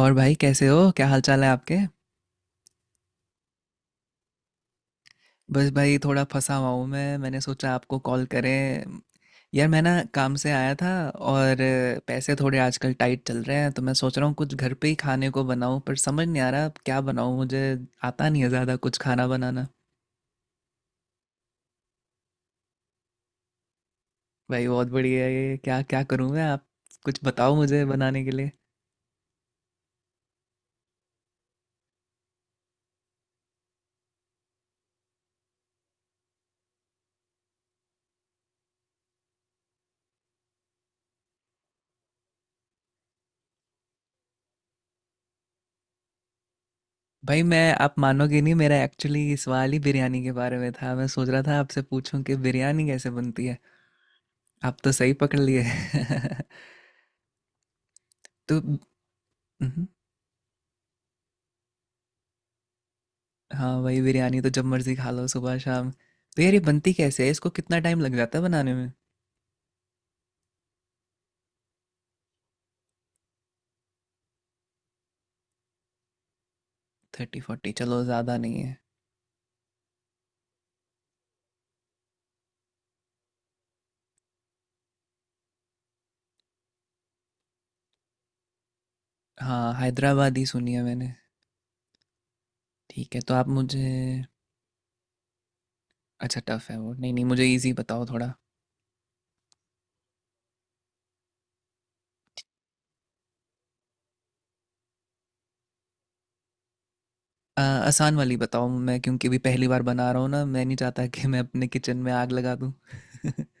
और भाई कैसे हो, क्या हाल चाल है आपके? बस भाई थोड़ा फंसा हुआ हूँ। मैंने सोचा आपको कॉल करें। यार मैं ना काम से आया था, और पैसे थोड़े आजकल टाइट चल रहे हैं। तो मैं सोच रहा हूँ कुछ घर पे ही खाने को बनाऊँ, पर समझ नहीं आ रहा अब क्या बनाऊँ। मुझे आता नहीं है ज़्यादा कुछ खाना बनाना। भाई बहुत बढ़िया है ये। क्या क्या करूँ मैं? आप कुछ बताओ मुझे बनाने के लिए। भाई, मैं आप मानोगे नहीं, मेरा एक्चुअली सवाल ही बिरयानी के बारे में था। मैं सोच रहा था आपसे पूछूं कि बिरयानी कैसे बनती है। आप तो सही पकड़ लिए। तो, उहुँ, हाँ, वही बिरयानी तो जब मर्ज़ी खा लो सुबह शाम। तो यार ये बनती कैसे है? इसको कितना टाइम लग जाता है बनाने में? 30-40, चलो ज़्यादा नहीं है। हाँ, हैदराबादी सुनी है मैंने। ठीक है, तो आप मुझे। अच्छा, टफ़ है वो। नहीं, नहीं, मुझे ईज़ी बताओ थोड़ा। आसान वाली बताओ मैं, क्योंकि अभी पहली बार बना रहा हूँ ना, मैं नहीं चाहता कि मैं अपने किचन में आग लगा दूँ।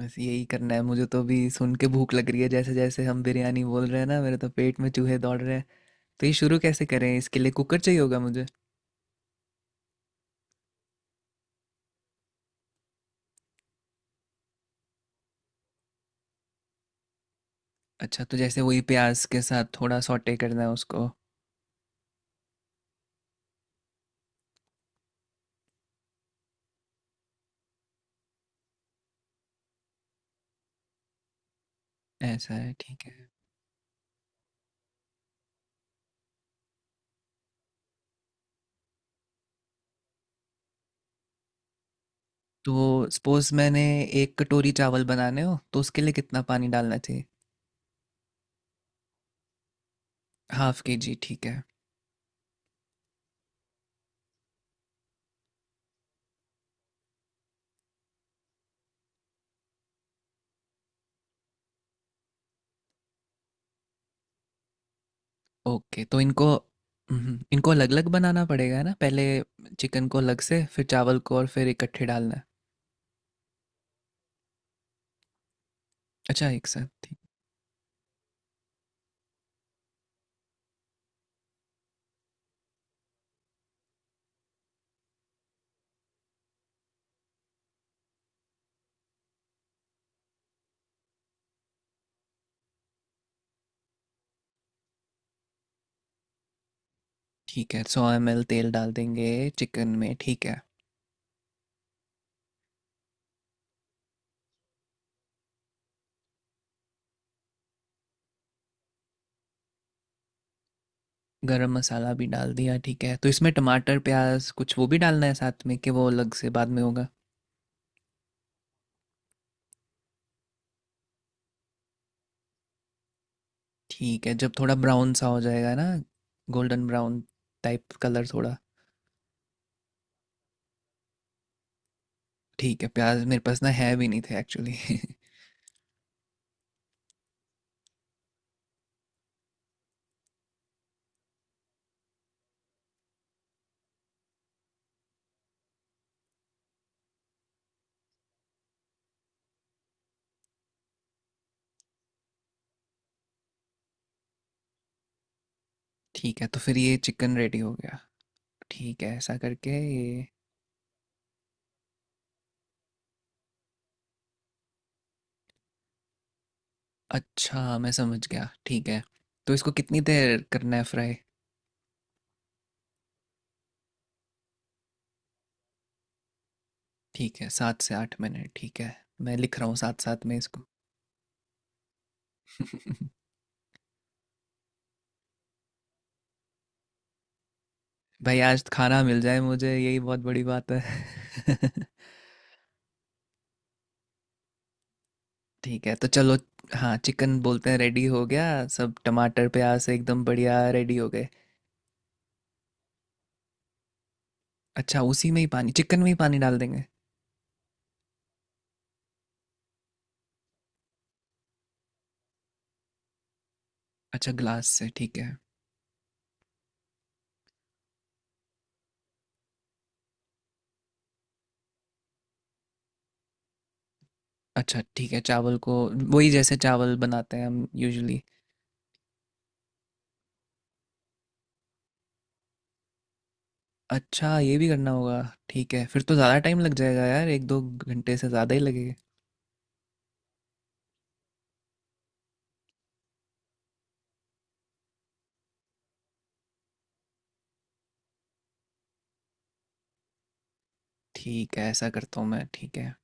बस यही करना है मुझे, तो अभी सुन के भूख लग रही है। जैसे-जैसे हम बिरयानी बोल रहे हैं ना, मेरे तो पेट में चूहे दौड़ रहे हैं। तो ये शुरू कैसे करें? इसके लिए कुकर चाहिए होगा मुझे? अच्छा, तो जैसे वही प्याज़ के साथ थोड़ा सौटे करना है उसको, ऐसा है, ठीक है। तो सपोज़ मैंने 1 कटोरी चावल बनाने हो, तो उसके लिए कितना पानी डालना चाहिए? हाफ़ केजी, ठीक है, ओके। तो इनको अलग-अलग बनाना पड़ेगा, है ना? पहले चिकन को अलग से, फिर चावल को, और फिर इकट्ठे डालना है? अच्छा, एक साथ, ठीक, ठीक है। 100 ml एमएल तेल डाल देंगे चिकन में, ठीक है। गरम मसाला भी डाल दिया, ठीक है। तो इसमें टमाटर, प्याज़ कुछ वो भी डालना है साथ में, कि वो अलग से बाद में होगा? ठीक है, जब थोड़ा ब्राउन सा हो जाएगा ना, गोल्डन ब्राउन टाइप कलर थोड़ा। ठीक है, प्याज मेरे पास ना है भी नहीं थे एक्चुअली। ठीक है, तो फिर ये चिकन रेडी हो गया। ठीक है, ऐसा करके ये। अच्छा, मैं समझ गया, ठीक है। तो इसको कितनी देर करना है फ्राई? ठीक है, 7 से 8 मिनट, ठीक है। मैं लिख रहा हूँ साथ साथ में इसको। भाई, आज खाना मिल जाए मुझे, यही बहुत बड़ी बात है। ठीक है, तो चलो। हाँ, चिकन बोलते हैं रेडी हो गया। सब टमाटर प्याज से एकदम बढ़िया रेडी हो गए। अच्छा, उसी में ही पानी, चिकन में ही पानी डाल देंगे। अच्छा, ग्लास से, ठीक है। अच्छा, ठीक है, चावल को वही जैसे चावल बनाते हैं हम यूजुअली। अच्छा, ये भी करना होगा। ठीक है, फिर तो ज़्यादा टाइम लग जाएगा यार, एक दो घंटे से ज़्यादा ही लगेगा। ठीक है, ऐसा करता हूँ मैं, ठीक है।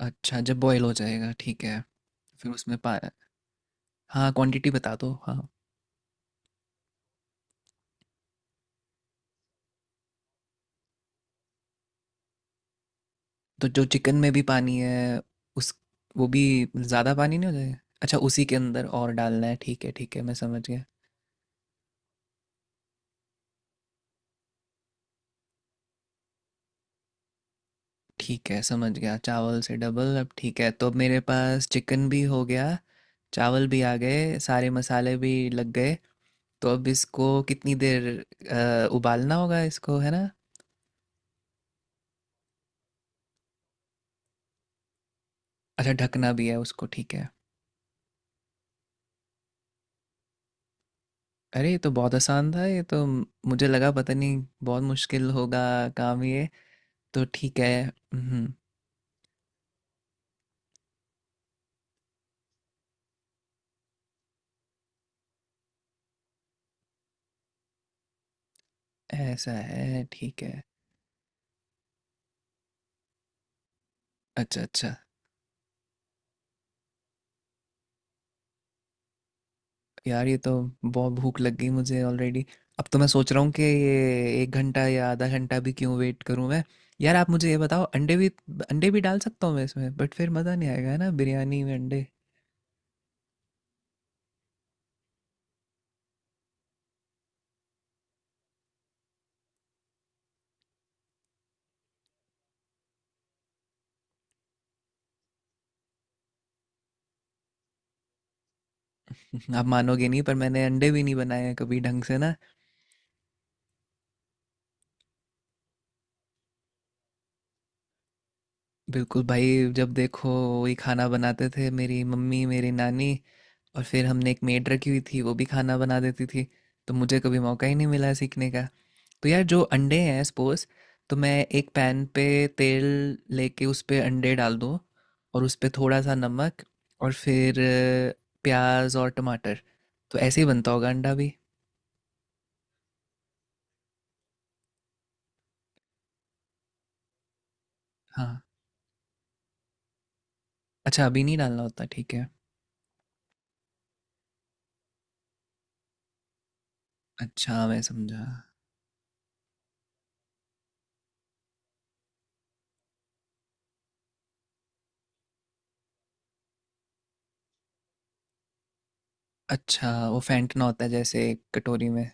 अच्छा, जब बॉईल हो जाएगा, ठीक है। फिर उसमें पा हाँ, क्वांटिटी बता दो, हाँ। तो जो चिकन में भी पानी है, उस वो भी ज़्यादा पानी नहीं हो जाएगा? अच्छा, उसी के अंदर और डालना है, ठीक है, ठीक है, मैं समझ गया। ठीक है, समझ गया, चावल से डबल, अब ठीक है। तो अब मेरे पास चिकन भी हो गया, चावल भी आ गए, सारे मसाले भी लग गए। तो अब इसको कितनी देर उबालना होगा इसको, है ना? अच्छा, ढकना भी है उसको, ठीक है। अरे, ये तो बहुत आसान था, ये तो मुझे लगा पता नहीं बहुत मुश्किल होगा काम ये। तो ठीक है। हम्म। ऐसा है, ठीक है। अच्छा, अच्छा। यार, ये तो बहुत भूख लग गई मुझे ऑलरेडी। अब तो मैं सोच रहा हूँ कि ये एक घंटा या आधा घंटा भी क्यों वेट करूँ मैं। यार, आप मुझे ये बताओ, अंडे भी डाल सकता हूँ मैं इसमें? बट फिर मज़ा नहीं आएगा ना, बिरयानी में अंडे। आप मानोगे नहीं, पर मैंने अंडे भी नहीं बनाए हैं कभी ढंग से ना। बिल्कुल भाई, जब देखो वही खाना बनाते थे मेरी मम्मी, मेरी नानी। और फिर हमने एक मेड रखी हुई थी, वो भी खाना बना देती थी। तो मुझे कभी मौका ही नहीं मिला सीखने का। तो यार, जो अंडे हैं, सपोज तो मैं एक पैन पे तेल लेके उस पे अंडे डाल दूँ, और उस पे थोड़ा सा नमक, और फिर प्याज और टमाटर, तो ऐसे ही बनता होगा अंडा भी। हाँ। अच्छा, अभी नहीं डालना होता, ठीक है। अच्छा, मैं समझा। अच्छा, वो फेंटना होता है जैसे एक कटोरी में।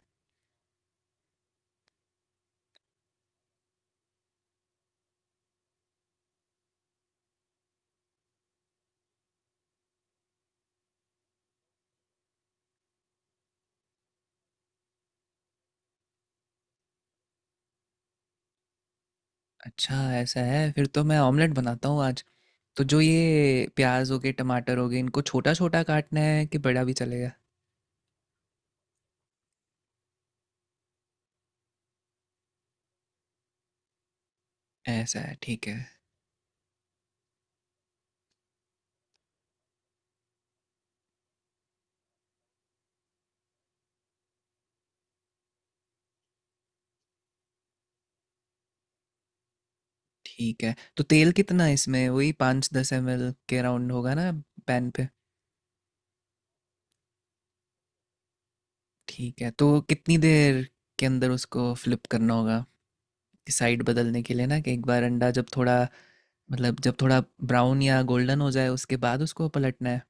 अच्छा, ऐसा है, फिर तो मैं ऑमलेट बनाता हूँ आज। तो जो ये प्याज हो गए, टमाटर हो गए, इनको छोटा छोटा काटना है, कि बड़ा भी चलेगा? ऐसा है, ठीक है, ठीक है। तो तेल कितना है इसमें, वही 5-10 ml के राउंड होगा ना? पैन पे, ठीक है। तो कितनी देर के अंदर उसको फ्लिप करना होगा, कि साइड बदलने के लिए ना, कि एक बार अंडा जब थोड़ा, मतलब जब थोड़ा ब्राउन या गोल्डन हो जाए, उसके बाद उसको पलटना है।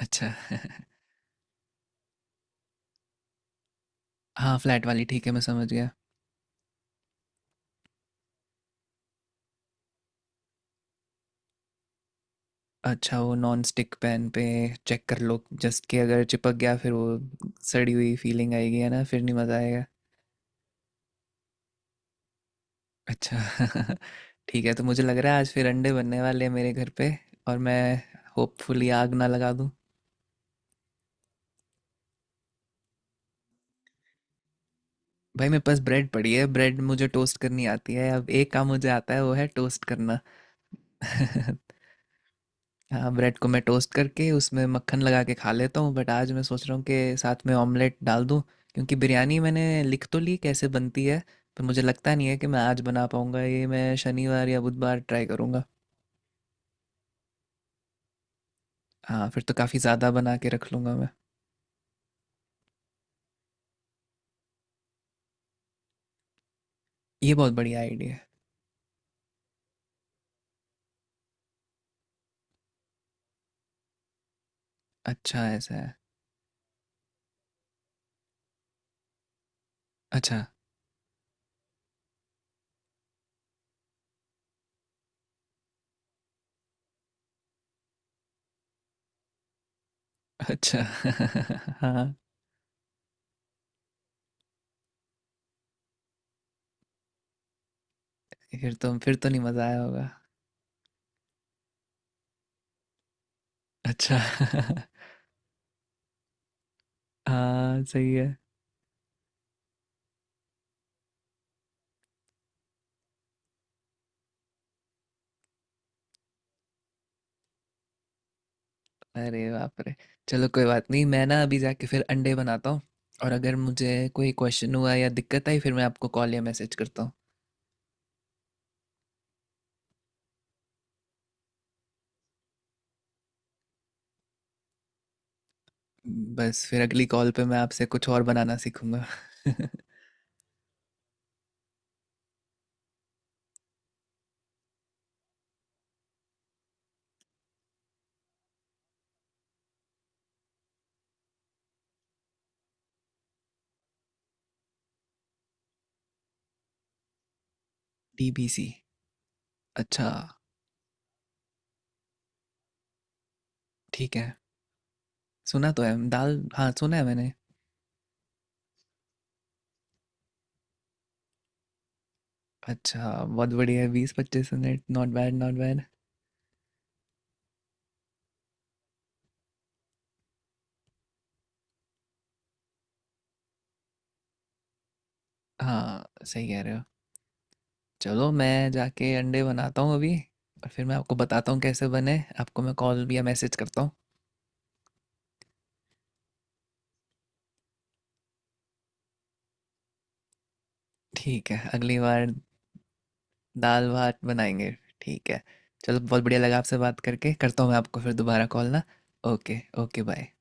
अच्छा। हाँ, फ्लैट वाली, ठीक है, मैं समझ गया। अच्छा, वो नॉन स्टिक पैन पे चेक कर लो, जस्ट कि अगर चिपक गया फिर वो सड़ी हुई फीलिंग आएगी, है ना, फिर नहीं मज़ा आएगा। अच्छा। ठीक है, तो मुझे लग रहा है आज फिर अंडे बनने वाले हैं मेरे घर पे। और मैं होपफुली आग ना लगा दूं। भाई, मेरे पास ब्रेड पड़ी है, ब्रेड मुझे टोस्ट करनी आती है। अब एक काम मुझे आता है, वो है टोस्ट करना। हाँ, ब्रेड को मैं टोस्ट करके उसमें मक्खन लगा के खा लेता हूँ, बट आज मैं सोच रहा हूँ कि साथ में ऑमलेट डाल दूँ। क्योंकि बिरयानी मैंने लिख तो ली कैसे बनती है, पर मुझे लगता नहीं है कि मैं आज बना पाऊँगा ये। मैं शनिवार या बुधवार ट्राई करूँगा। हाँ, फिर तो काफ़ी ज़्यादा बना के रख लूँगा मैं। ये बहुत बढ़िया आइडिया है। अच्छा, ऐसा है। अच्छा, अच्छा। हाँ। फिर तो नहीं मज़ा आया होगा। अच्छा। हाँ, सही है। अरे बाप रे। चलो कोई बात नहीं, मैं ना अभी जाके फिर अंडे बनाता हूँ। और अगर मुझे कोई क्वेश्चन हुआ या दिक्कत आई, फिर मैं आपको कॉल या मैसेज करता हूँ। बस फिर अगली कॉल पे मैं आपसे कुछ और बनाना सीखूंगा। डीबीसी। अच्छा। ठीक है, सुना तो है दाल, हाँ, सुना है मैंने। अच्छा, बहुत बढ़िया है, 20-25 minute, not bad, not bad. हाँ, सही कह रहे हो। चलो, मैं जाके अंडे बनाता हूँ अभी। और फिर मैं आपको बताता हूँ कैसे बने, आपको मैं कॉल या मैसेज करता हूँ। ठीक है, अगली बार दाल भात बनाएंगे। ठीक है, चलो, बहुत बढ़िया लगा आपसे बात करके। करता हूँ मैं आपको फिर दोबारा कॉल ना। Okay, okay, bye.